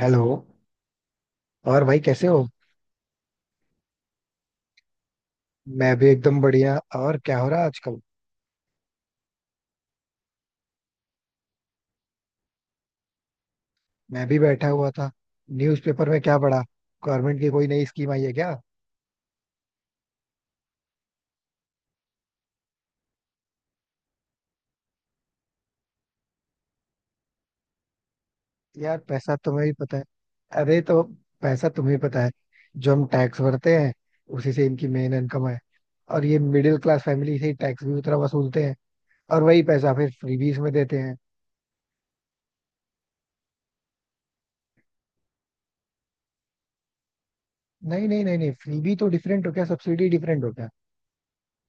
Hello. और भाई कैसे हो? मैं भी एकदम बढ़िया। और क्या हो रहा है आजकल? मैं भी बैठा हुआ था। न्यूज़पेपर में क्या पढ़ा? गवर्नमेंट की कोई नई स्कीम आई है क्या? यार पैसा तुम्हें भी पता है। अरे तो पैसा तुम्हें पता है, जो हम टैक्स भरते हैं उसी से इनकी मेन इनकम है। और ये मिडिल क्लास फैमिली से ही टैक्स भी उतना वसूलते हैं। और वही पैसा फिर फ्रीबीज में देते हैं। नहीं नहीं नहीं नहीं, फ्रीबी तो डिफरेंट हो गया, सब्सिडी डिफरेंट हो गया।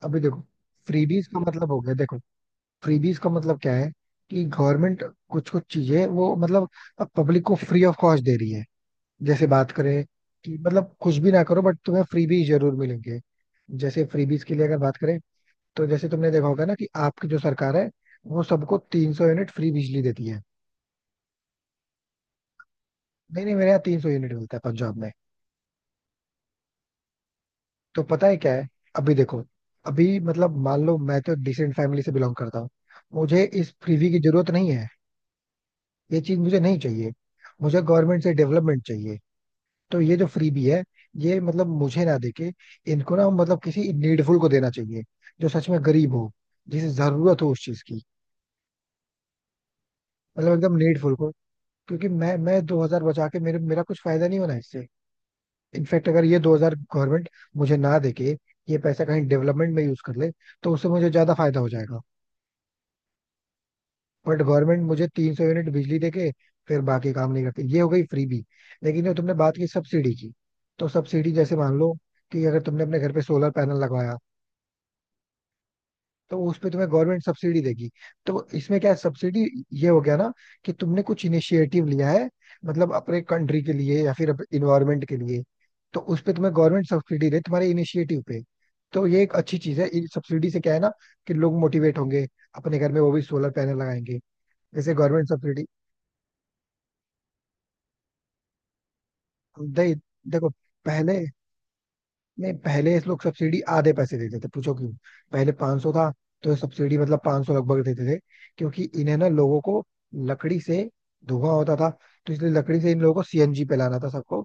अभी देखो। फ्रीबीज का मतलब हो गया, देखो। फ्रीबीज का मतलब क्या है कि गवर्नमेंट कुछ कुछ चीजें वो मतलब पब्लिक को फ्री ऑफ कॉस्ट दे रही है। जैसे बात करें कि मतलब कुछ भी ना करो बट तुम्हें फ्रीबीज जरूर मिलेंगे। जैसे फ्रीबीज के लिए अगर बात करें, तो जैसे तुमने देखा होगा ना कि आपकी जो सरकार है, वो सबको 300 यूनिट फ्री बिजली देती है। नहीं नहीं, मेरे यहाँ 300 यूनिट मिलता है पंजाब में। तो पता है क्या है। अभी देखो। अभी मतलब मान लो, मैं तो डिसेंट फैमिली से बिलोंग करता हूँ। मुझे इस फ्रीबी की जरूरत नहीं है। ये चीज मुझे नहीं चाहिए। मुझे गवर्नमेंट से डेवलपमेंट चाहिए। तो ये जो फ्रीबी है, ये मतलब मुझे ना देके, इनको ना मतलब किसी नीडफुल को देना चाहिए, जो सच में गरीब हो, जिसे जरूरत हो उस चीज की। मतलब एकदम नीडफुल को। क्योंकि मैं 2000 बचा के मेरे मेरा कुछ फायदा नहीं होना इससे। इनफैक्ट अगर ये 2000 गवर्नमेंट मुझे ना देके ये पैसा कहीं डेवलपमेंट में यूज कर ले, तो उससे मुझे ज्यादा फायदा हो जाएगा। बट गवर्नमेंट मुझे 300 यूनिट बिजली देके फिर बाकी काम नहीं करती, ये हो गई फ्रीबी। लेकिन जो तुमने बात की सब्सिडी की, तो सब्सिडी जैसे मान लो कि अगर तुमने अपने घर पे सोलर पैनल लगवाया, तो उस पे तुम्हें गवर्नमेंट सब्सिडी देगी। तो इसमें क्या है सब्सिडी। ये हो गया ना कि तुमने कुछ इनिशिएटिव लिया है, मतलब अपने कंट्री के लिए या फिर इन्वायरमेंट के लिए, तो उस पे तुम्हें गवर्नमेंट सब्सिडी दे तुम्हारे इनिशिएटिव पे। तो ये एक अच्छी चीज है इन सब्सिडी से, क्या है ना कि लोग मोटिवेट होंगे, अपने घर में वो भी सोलर पैनल लगाएंगे जैसे गवर्नमेंट सब्सिडी। दे, देखो। पहले, नहीं पहले इस लोग सब्सिडी आधे पैसे देते थे, पूछो क्यों। पहले 500 था, तो ये सब्सिडी मतलब 500 लगभग देते थे, क्योंकि इन्हें ना, लोगों को लकड़ी से धुआं होता था, तो इसलिए लकड़ी से इन लोगों को सीएनजी पे लाना था सबको।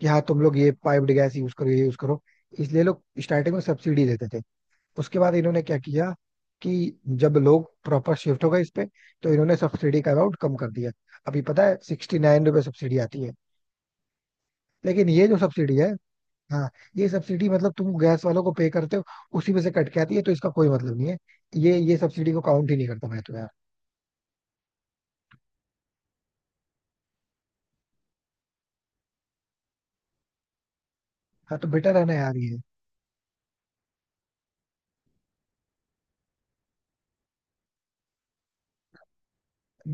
कि हाँ तुम लोग ये पाइप्ड गैस यूज करो, ये यूज करो। इसलिए लोग स्टार्टिंग में सब्सिडी देते थे। उसके बाद इन्होंने क्या किया कि जब लोग प्रॉपर शिफ्ट हो गए इस पे, तो इन्होंने सब्सिडी का अमाउंट कम कर दिया। अभी पता है 69 रुपये सब्सिडी आती है। लेकिन ये जो सब्सिडी है, हाँ, ये सब्सिडी मतलब तुम गैस वालों को पे करते हो, उसी में से कट के आती है, तो इसका कोई मतलब नहीं है। ये सब्सिडी को काउंट ही नहीं करता मैं तो यार। हाँ तो बेटर है ना यार ये।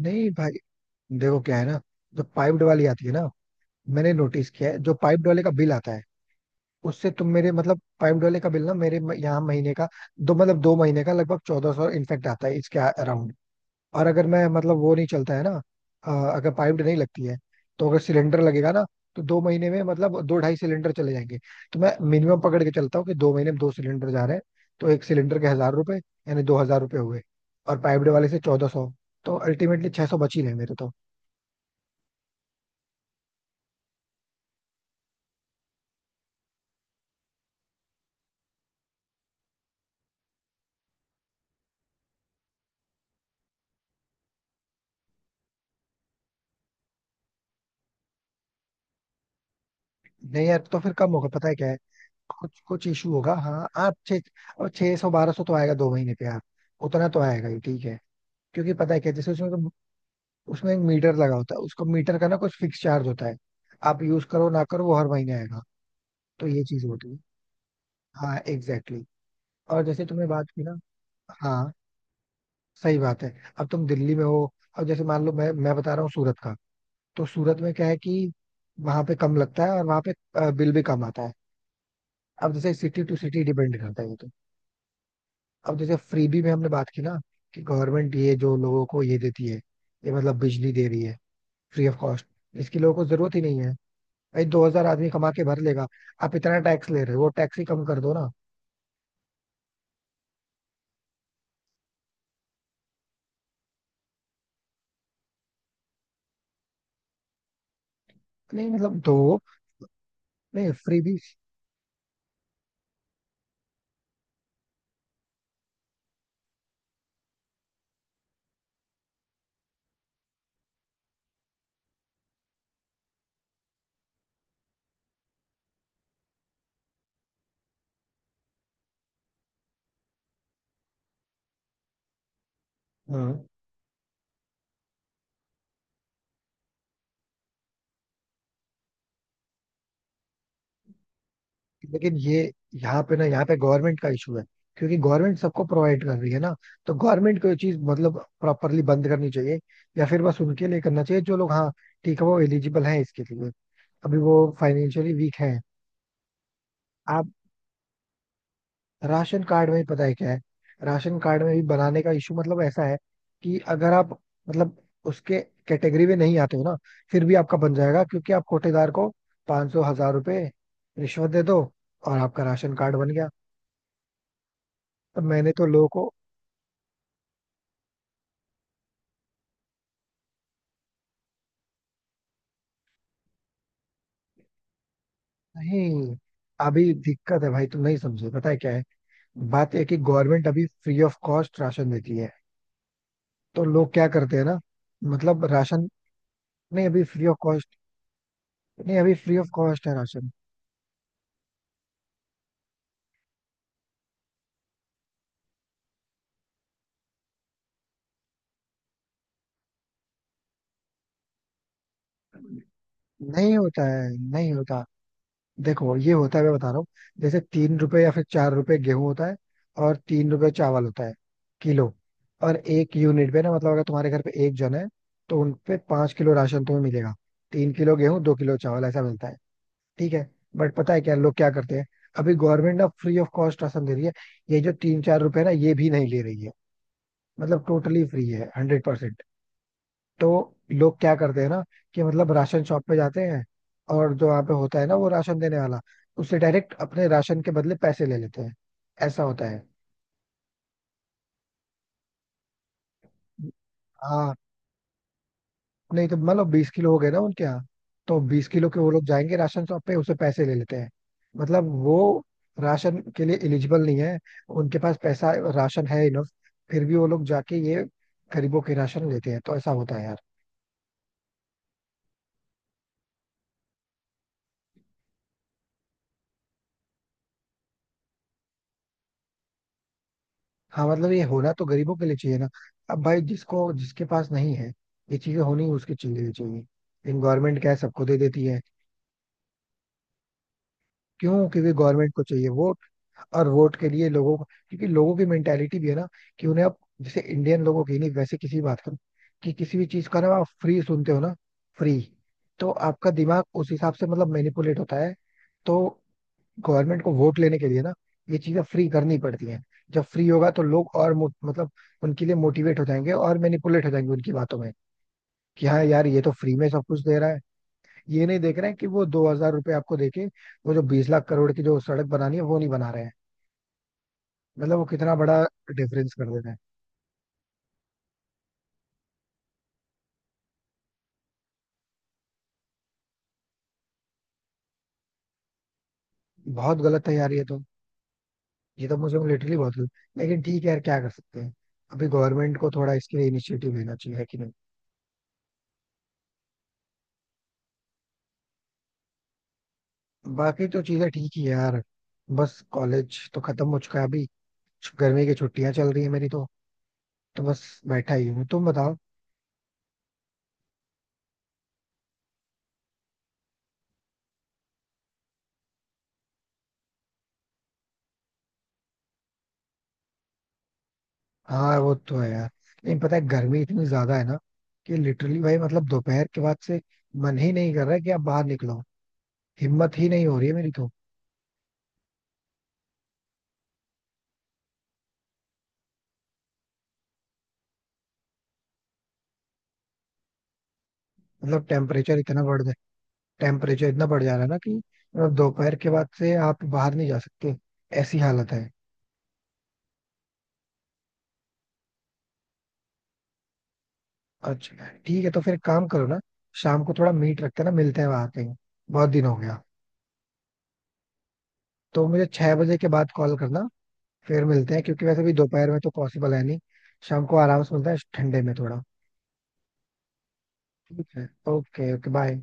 नहीं भाई, देखो क्या है ना, जो पाइप्ड वाली आती है ना, मैंने नोटिस किया है जो पाइप्ड वाले का बिल आता है, उससे तुम मेरे मतलब पाइप्ड वाले का बिल ना मेरे यहाँ महीने का, दो मतलब दो महीने का लगभग 1400 इनफेक्ट आता है इसके अराउंड। और अगर मैं मतलब वो नहीं चलता है ना, अगर पाइप नहीं लगती है, तो अगर सिलेंडर लगेगा ना, तो दो महीने में मतलब दो ढाई सिलेंडर चले जाएंगे। तो मैं मिनिमम पकड़ के चलता हूँ कि दो महीने में दो सिलेंडर जा रहे हैं। तो 1 सिलेंडर के 1000 रुपए यानी 2000 रुपए हुए, और पाइप वाले से 1400, तो अल्टीमेटली 600 बची नहीं मेरे तो। नहीं यार, तो फिर कम होगा, पता है क्या है, कुछ कुछ इशू होगा। हाँ आप छः, और 600 1200 तो आएगा दो महीने पे यार। उतना तो आएगा ही, ठीक है। क्योंकि पता है क्या जैसे उसमें तो, उसमें एक मीटर लगा होता है उसको, मीटर का ना कुछ फिक्स चार्ज होता है। आप यूज करो ना करो, वो हर महीने आएगा। तो ये चीज होती है। हाँ एग्जैक्टली exactly। और जैसे तुमने बात की ना, हाँ, सही बात है। अब तुम दिल्ली में हो। अब जैसे मान लो मैं बता रहा हूँ सूरत का। तो सूरत में क्या है कि वहां पे कम लगता है, और वहां पे बिल भी कम आता है। अब जैसे सिटी टू सिटी डिपेंड करता है ये तो। अब जैसे फ्रीबी में हमने बात की ना कि गवर्नमेंट ये जो लोगों को ये देती है, ये मतलब बिजली दे रही है फ्री ऑफ कॉस्ट, इसकी लोगों को जरूरत ही नहीं है। भाई 2000 आदमी कमा के भर लेगा। आप इतना टैक्स ले रहे हो, वो टैक्स ही कम कर दो ना। नहीं मतलब दो। नहीं फ्री भी। हाँ लेकिन ये, यहाँ पे ना यहाँ पे गवर्नमेंट का इशू है, क्योंकि गवर्नमेंट सबको प्रोवाइड कर रही है ना। तो गवर्नमेंट को ये चीज मतलब प्रॉपरली बंद करनी चाहिए, या फिर बस उनके लिए करना चाहिए जो लोग, हाँ ठीक है, वो एलिजिबल हैं इसके लिए। अभी वो फाइनेंशियली वीक हैं। राशन कार्ड में ही पता है क्या है, राशन कार्ड में भी बनाने का इशू मतलब ऐसा है कि अगर आप मतलब उसके कैटेगरी में नहीं आते हो ना, फिर भी आपका बन जाएगा, क्योंकि आप कोटेदार को 500 1000 रुपए रिश्वत दे दो और आपका राशन कार्ड बन गया। तो मैंने तो लोगों को, नहीं अभी दिक्कत है भाई, तुम नहीं समझे, पता है क्या है। बात यह है कि गवर्नमेंट अभी फ्री ऑफ कॉस्ट राशन देती है। तो लोग क्या करते हैं ना, मतलब राशन। नहीं अभी फ्री ऑफ कॉस्ट, नहीं अभी फ्री ऑफ कॉस्ट है राशन। नहीं होता है, नहीं होता, देखो ये होता है, मैं बता रहा हूँ, जैसे 3 रुपए या फिर 4 रुपए गेहूं होता है, और 3 रुपए चावल होता है, किलो। और एक यूनिट पे ना मतलब अगर तुम्हारे घर पे एक जन है, तो उनपे 5 किलो राशन तुम्हें मिलेगा, 3 किलो गेहूं 2 किलो चावल ऐसा मिलता है, ठीक है। बट पता है क्या लोग क्या करते हैं, अभी गवर्नमेंट ना फ्री ऑफ कॉस्ट राशन दे रही है, ये जो 3 4 रुपए ना ये भी नहीं ले रही है, मतलब टोटली फ्री है 100%। तो लोग क्या करते हैं ना कि मतलब राशन शॉप पे जाते हैं, और जो वहाँ पे होता है ना वो राशन देने वाला, उससे डायरेक्ट अपने राशन के बदले पैसे ले लेते हैं। ऐसा होता है। हाँ, नहीं तो मतलब 20 किलो हो गए ना उनके यहाँ, तो 20 किलो के वो लोग जाएंगे राशन शॉप पे, उसे पैसे ले लेते हैं। मतलब वो राशन के लिए एलिजिबल नहीं है, उनके पास पैसा राशन है इनफ। फिर भी वो लोग जाके ये गरीबों के राशन लेते हैं, तो ऐसा होता है। हाँ मतलब ये होना तो गरीबों के लिए चाहिए ना। अब भाई जिसको जिसके पास नहीं है, ये चीजें होनी उसके लिए चाहिए, लेकिन गवर्नमेंट क्या है सबको दे देती है। क्यों? क्योंकि गवर्नमेंट को चाहिए वोट। और वोट के लिए लोगों को, क्योंकि लोगों की मेंटेलिटी भी है ना कि उन्हें आप जैसे इंडियन लोगों की नहीं, वैसे किसी बात का, कि किसी भी चीज का ना आप फ्री सुनते हो ना, फ्री, तो आपका दिमाग उस हिसाब से मतलब मैनिपुलेट होता है। तो गवर्नमेंट को वोट लेने के लिए ना ये चीजें फ्री करनी पड़ती हैं। जब फ्री होगा तो लोग और मतलब उनके लिए मोटिवेट हो जाएंगे और मैनिपुलेट हो जाएंगे उनकी बातों में, कि हाँ यार ये तो फ्री में सब कुछ दे रहा है। ये नहीं देख रहे हैं कि वो 2000 रुपये आपको देके, वो जो 20 लाख करोड़ की जो सड़क बनानी है वो नहीं बना रहे हैं। मतलब वो कितना बड़ा डिफरेंस कर देते हैं। बहुत गलत है यार ये तो, ये तो मुझे लिटरली बहुत गलत। लेकिन ठीक है यार, क्या कर सकते हैं। अभी गवर्नमेंट को थोड़ा इसके लिए इनिशिएटिव लेना चाहिए है कि नहीं। बाकी तो चीजें ठीक ही है यार, बस कॉलेज तो खत्म हो चुका है अभी। गर्मी की छुट्टियां चल रही है मेरी तो बस बैठा ही हूँ, तुम बताओ। हाँ वो तो है यार। लेकिन पता है गर्मी इतनी ज्यादा है ना कि लिटरली भाई मतलब दोपहर के बाद से मन ही नहीं कर रहा है कि आप बाहर निकलो। हिम्मत ही नहीं हो रही है मेरी तो। मतलब टेम्परेचर इतना बढ़ जा रहा है ना कि मतलब दोपहर के बाद से आप बाहर नहीं जा सकते, ऐसी हालत है। अच्छा ठीक है, तो फिर एक काम करो ना, शाम को थोड़ा मीट रखते हैं ना, मिलते हैं वहां कहीं, बहुत दिन हो गया। तो मुझे 6 बजे के बाद कॉल करना, फिर मिलते हैं, क्योंकि वैसे भी दोपहर में तो पॉसिबल है नहीं। शाम को आराम से मिलता है ठंडे में थोड़ा। ठीक है, ओके ओके, बाय।